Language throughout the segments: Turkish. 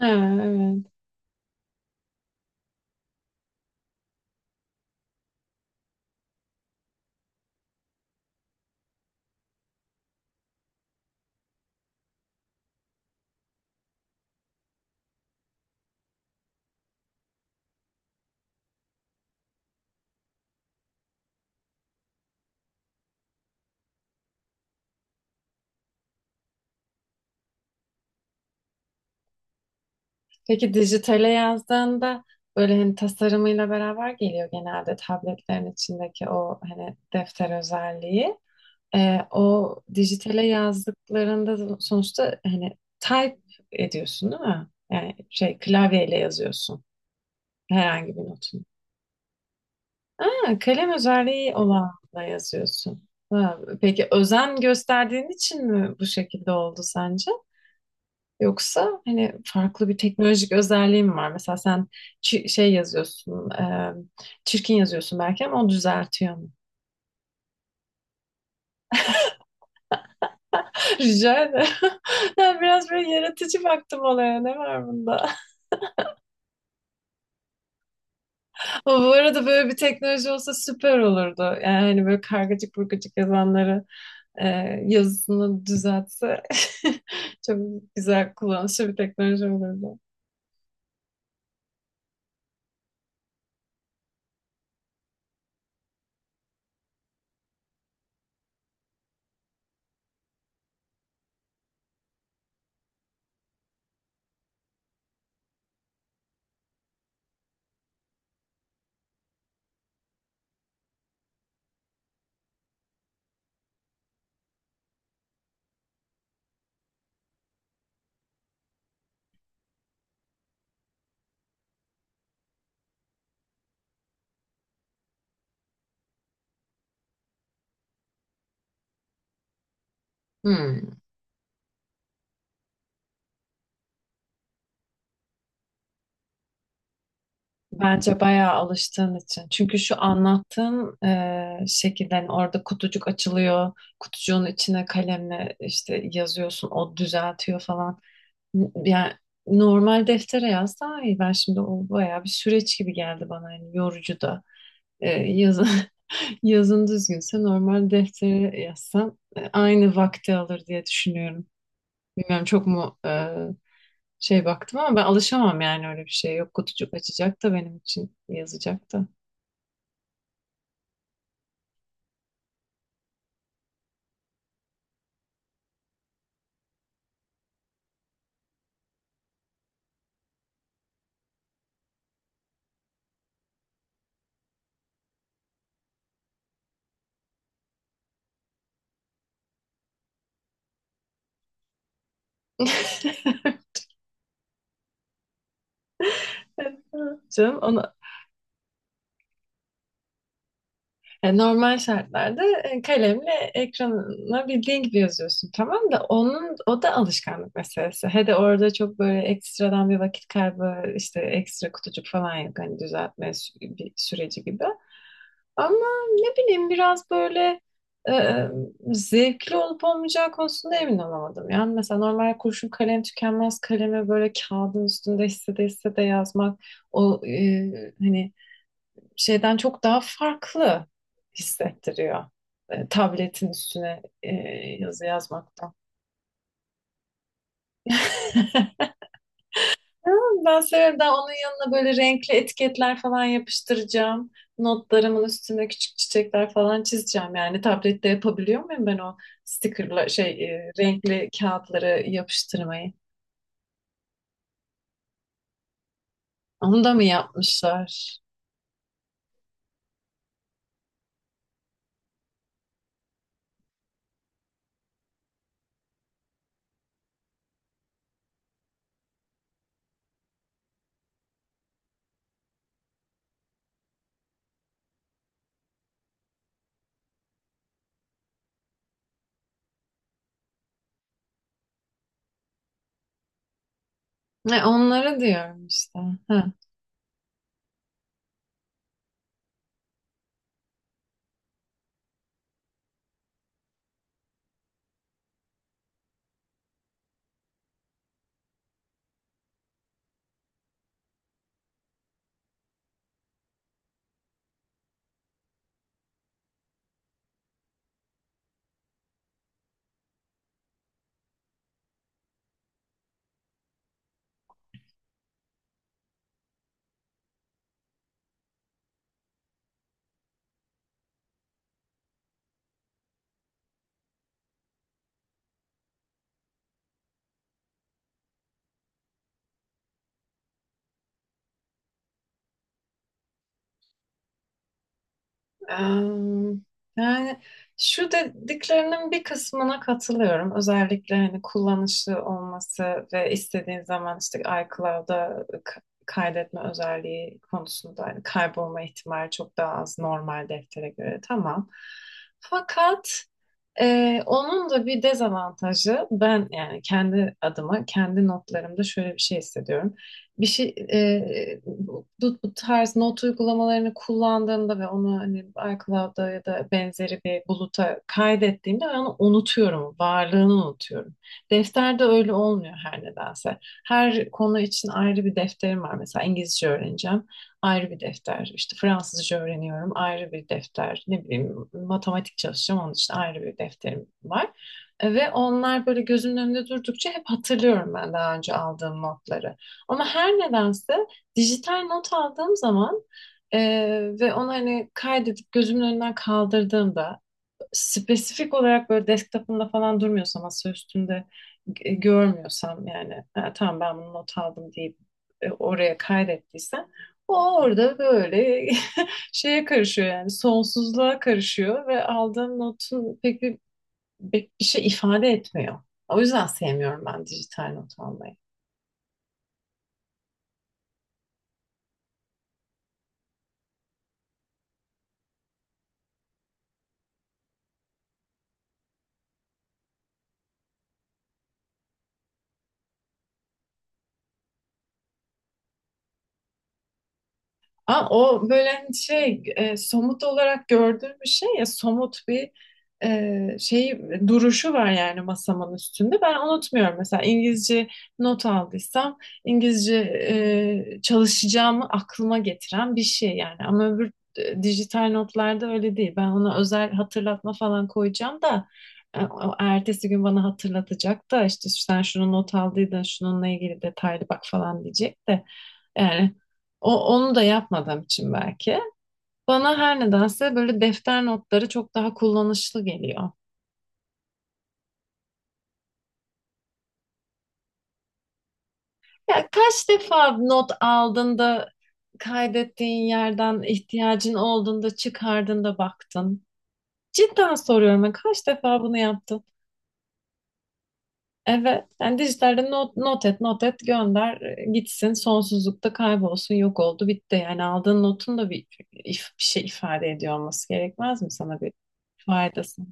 Ha, evet. Peki dijitale yazdığında böyle hani tasarımıyla beraber geliyor genelde tabletlerin içindeki o hani defter özelliği. O dijitale yazdıklarında sonuçta hani type ediyorsun değil mi? Yani şey klavyeyle yazıyorsun herhangi bir notunu. Ha, kalem özelliği olanla yazıyorsun. Ha, peki özen gösterdiğin için mi bu şekilde oldu sence? Yoksa hani farklı bir teknolojik özelliği mi var? Mesela sen şey yazıyorsun, çirkin yazıyorsun belki ama o düzeltiyor mu? Rica ederim. Ben biraz böyle yaratıcı baktım olaya. Ne var bunda? Ama bu arada böyle bir teknoloji olsa süper olurdu. Yani hani böyle kargacık burgacık yazanları e, yazısını düzeltse çok güzel kullanışlı bir teknoloji olurdu. Hmm. Bence bayağı alıştığın için. Çünkü şu anlattığın şekilde hani orada kutucuk açılıyor. Kutucuğun içine kalemle işte yazıyorsun. O düzeltiyor falan. Yani normal deftere yaz daha iyi. Ben şimdi o bayağı bir süreç gibi geldi bana. Yani yorucu da. E, yazın, yazın düzgünse normal deftere yazsan aynı vakti alır diye düşünüyorum. Bilmiyorum çok mu şey baktım ama ben alışamam yani öyle bir şey. Yok kutucuk açacak da benim için yazacak da. Canım onu. Normal şartlarda kalemle ekrana bildiğin gibi yazıyorsun tamam da onun o da alışkanlık meselesi. He de orada çok böyle ekstradan bir vakit kaybı işte ekstra kutucuk falan yok, hani düzeltme bir süreci gibi. Ama ne bileyim biraz böyle e, zevkli olup olmayacağı konusunda emin olamadım. Yani mesela normal kurşun kalem tükenmez kalemi böyle kağıdın üstünde hissede hissede yazmak hani şeyden çok daha farklı hissettiriyor. Tabletin üstüne yazı yazmaktan. Ama ben severim, daha onun yanına böyle renkli etiketler falan yapıştıracağım. Notlarımın üstüne küçük çiçekler falan çizeceğim. Yani tablette yapabiliyor muyum ben o stickerla şey renkli kağıtları yapıştırmayı? Onu da mı yapmışlar? Ne, onları diyorum işte. Ha. Em, Yani şu dediklerinin bir kısmına katılıyorum. Özellikle hani kullanışlı olması ve istediğin zaman işte iCloud'a kaydetme özelliği konusunda hani kaybolma ihtimali çok daha az normal deftere göre, tamam. Fakat onun da bir dezavantajı, ben yani kendi adıma kendi notlarımda şöyle bir şey hissediyorum. Bir şey e, bu, bu tarz not uygulamalarını kullandığımda ve onu hani iCloud'da ya da benzeri bir buluta kaydettiğimde ben onu unutuyorum, varlığını unutuyorum. Defterde öyle olmuyor her nedense. Her konu için ayrı bir defterim var. Mesela İngilizce öğreneceğim ayrı bir defter. İşte Fransızca öğreniyorum ayrı bir defter. Ne bileyim matematik çalışacağım onun için ayrı bir defterim var. Ve onlar böyle gözümün önünde durdukça hep hatırlıyorum ben daha önce aldığım notları. Ama her nedense dijital not aldığım zaman e, ve onu hani kaydedip gözümün önünden kaldırdığımda, spesifik olarak böyle desktop'ımda falan durmuyorsa, masa üstünde görmüyorsam, yani "Ha, tamam ben bunu not aldım" deyip oraya kaydettiysem, o orada böyle şeye karışıyor, yani sonsuzluğa karışıyor ve aldığım notun pek bir şey ifade etmiyor. O yüzden sevmiyorum ben dijital not almayı. Aa, o böyle hani şey somut olarak gördüğüm bir şey ya, somut bir e, şey duruşu var yani masamın üstünde. Ben unutmuyorum mesela İngilizce not aldıysam İngilizce çalışacağımı aklıma getiren bir şey yani. Ama öbür dijital notlarda öyle değil. Ben ona özel hatırlatma falan koyacağım da o ertesi gün bana hatırlatacak da işte sen şunu not aldıydın, şununla ilgili detaylı bak falan diyecek de. Yani onu da yapmadığım için belki. Bana her nedense böyle defter notları çok daha kullanışlı geliyor. Ya kaç defa not aldın da kaydettiğin yerden ihtiyacın olduğunda çıkardın da baktın. Cidden soruyorum, ben kaç defa bunu yaptın? Evet. Yani dijitalde not, not et, not et, gönder, gitsin, sonsuzlukta kaybolsun, yok oldu, bitti. Yani aldığın notun da bir, if- bir şey ifade ediyor olması gerekmez mi, sana bir faydası?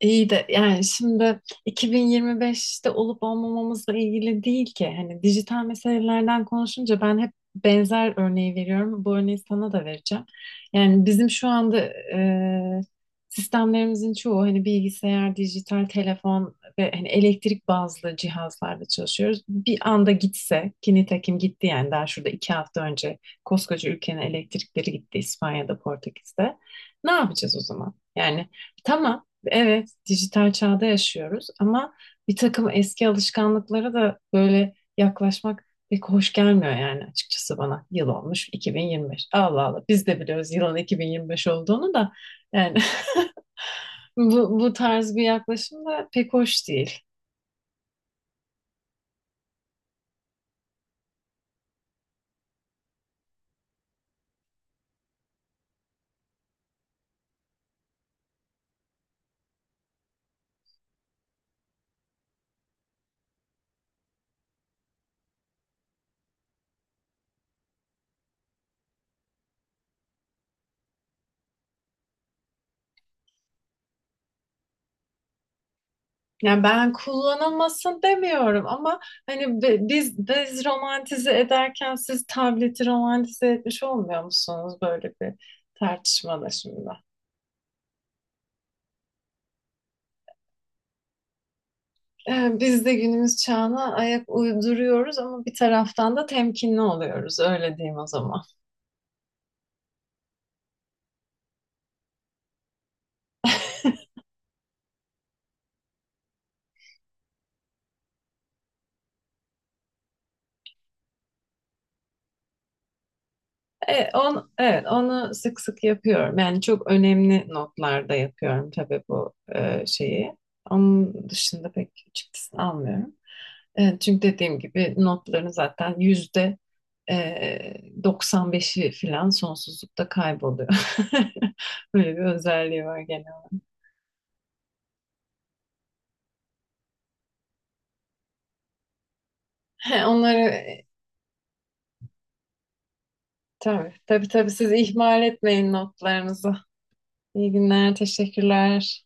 İyi de yani şimdi 2025'te olup olmamamızla ilgili değil ki. Hani dijital meselelerden konuşunca ben hep benzer örneği veriyorum. Bu örneği sana da vereceğim. Yani bizim şu anda e, sistemlerimizin çoğu hani bilgisayar, dijital telefon ve hani elektrik bazlı cihazlarda çalışıyoruz. Bir anda gitse, ki nitekim gitti, yani daha şurada iki hafta önce koskoca ülkenin elektrikleri gitti İspanya'da, Portekiz'de. Ne yapacağız o zaman? Yani tamam, evet, dijital çağda yaşıyoruz ama bir takım eski alışkanlıklara da böyle yaklaşmak pek hoş gelmiyor yani, açıkçası bana. Yıl olmuş 2025. Allah Allah, biz de biliyoruz yılın 2025 olduğunu da yani bu tarz bir yaklaşım da pek hoş değil. Yani ben kullanılmasın demiyorum ama hani biz romantize ederken siz tableti romantize etmiş olmuyor musunuz böyle bir tartışmada şimdi? Biz de günümüz çağına ayak uyduruyoruz ama bir taraftan da temkinli oluyoruz, öyle diyeyim o zaman. Evet, onu sık sık yapıyorum. Yani çok önemli notlarda yapıyorum tabii bu şeyi. Onun dışında pek çıktısını almıyorum. Çünkü dediğim gibi notların zaten yüzde e, 95'i filan sonsuzlukta kayboluyor. Böyle bir özelliği var genel. He, onları. Tabii, tabii, tabii siz ihmal etmeyin notlarınızı. İyi günler, teşekkürler.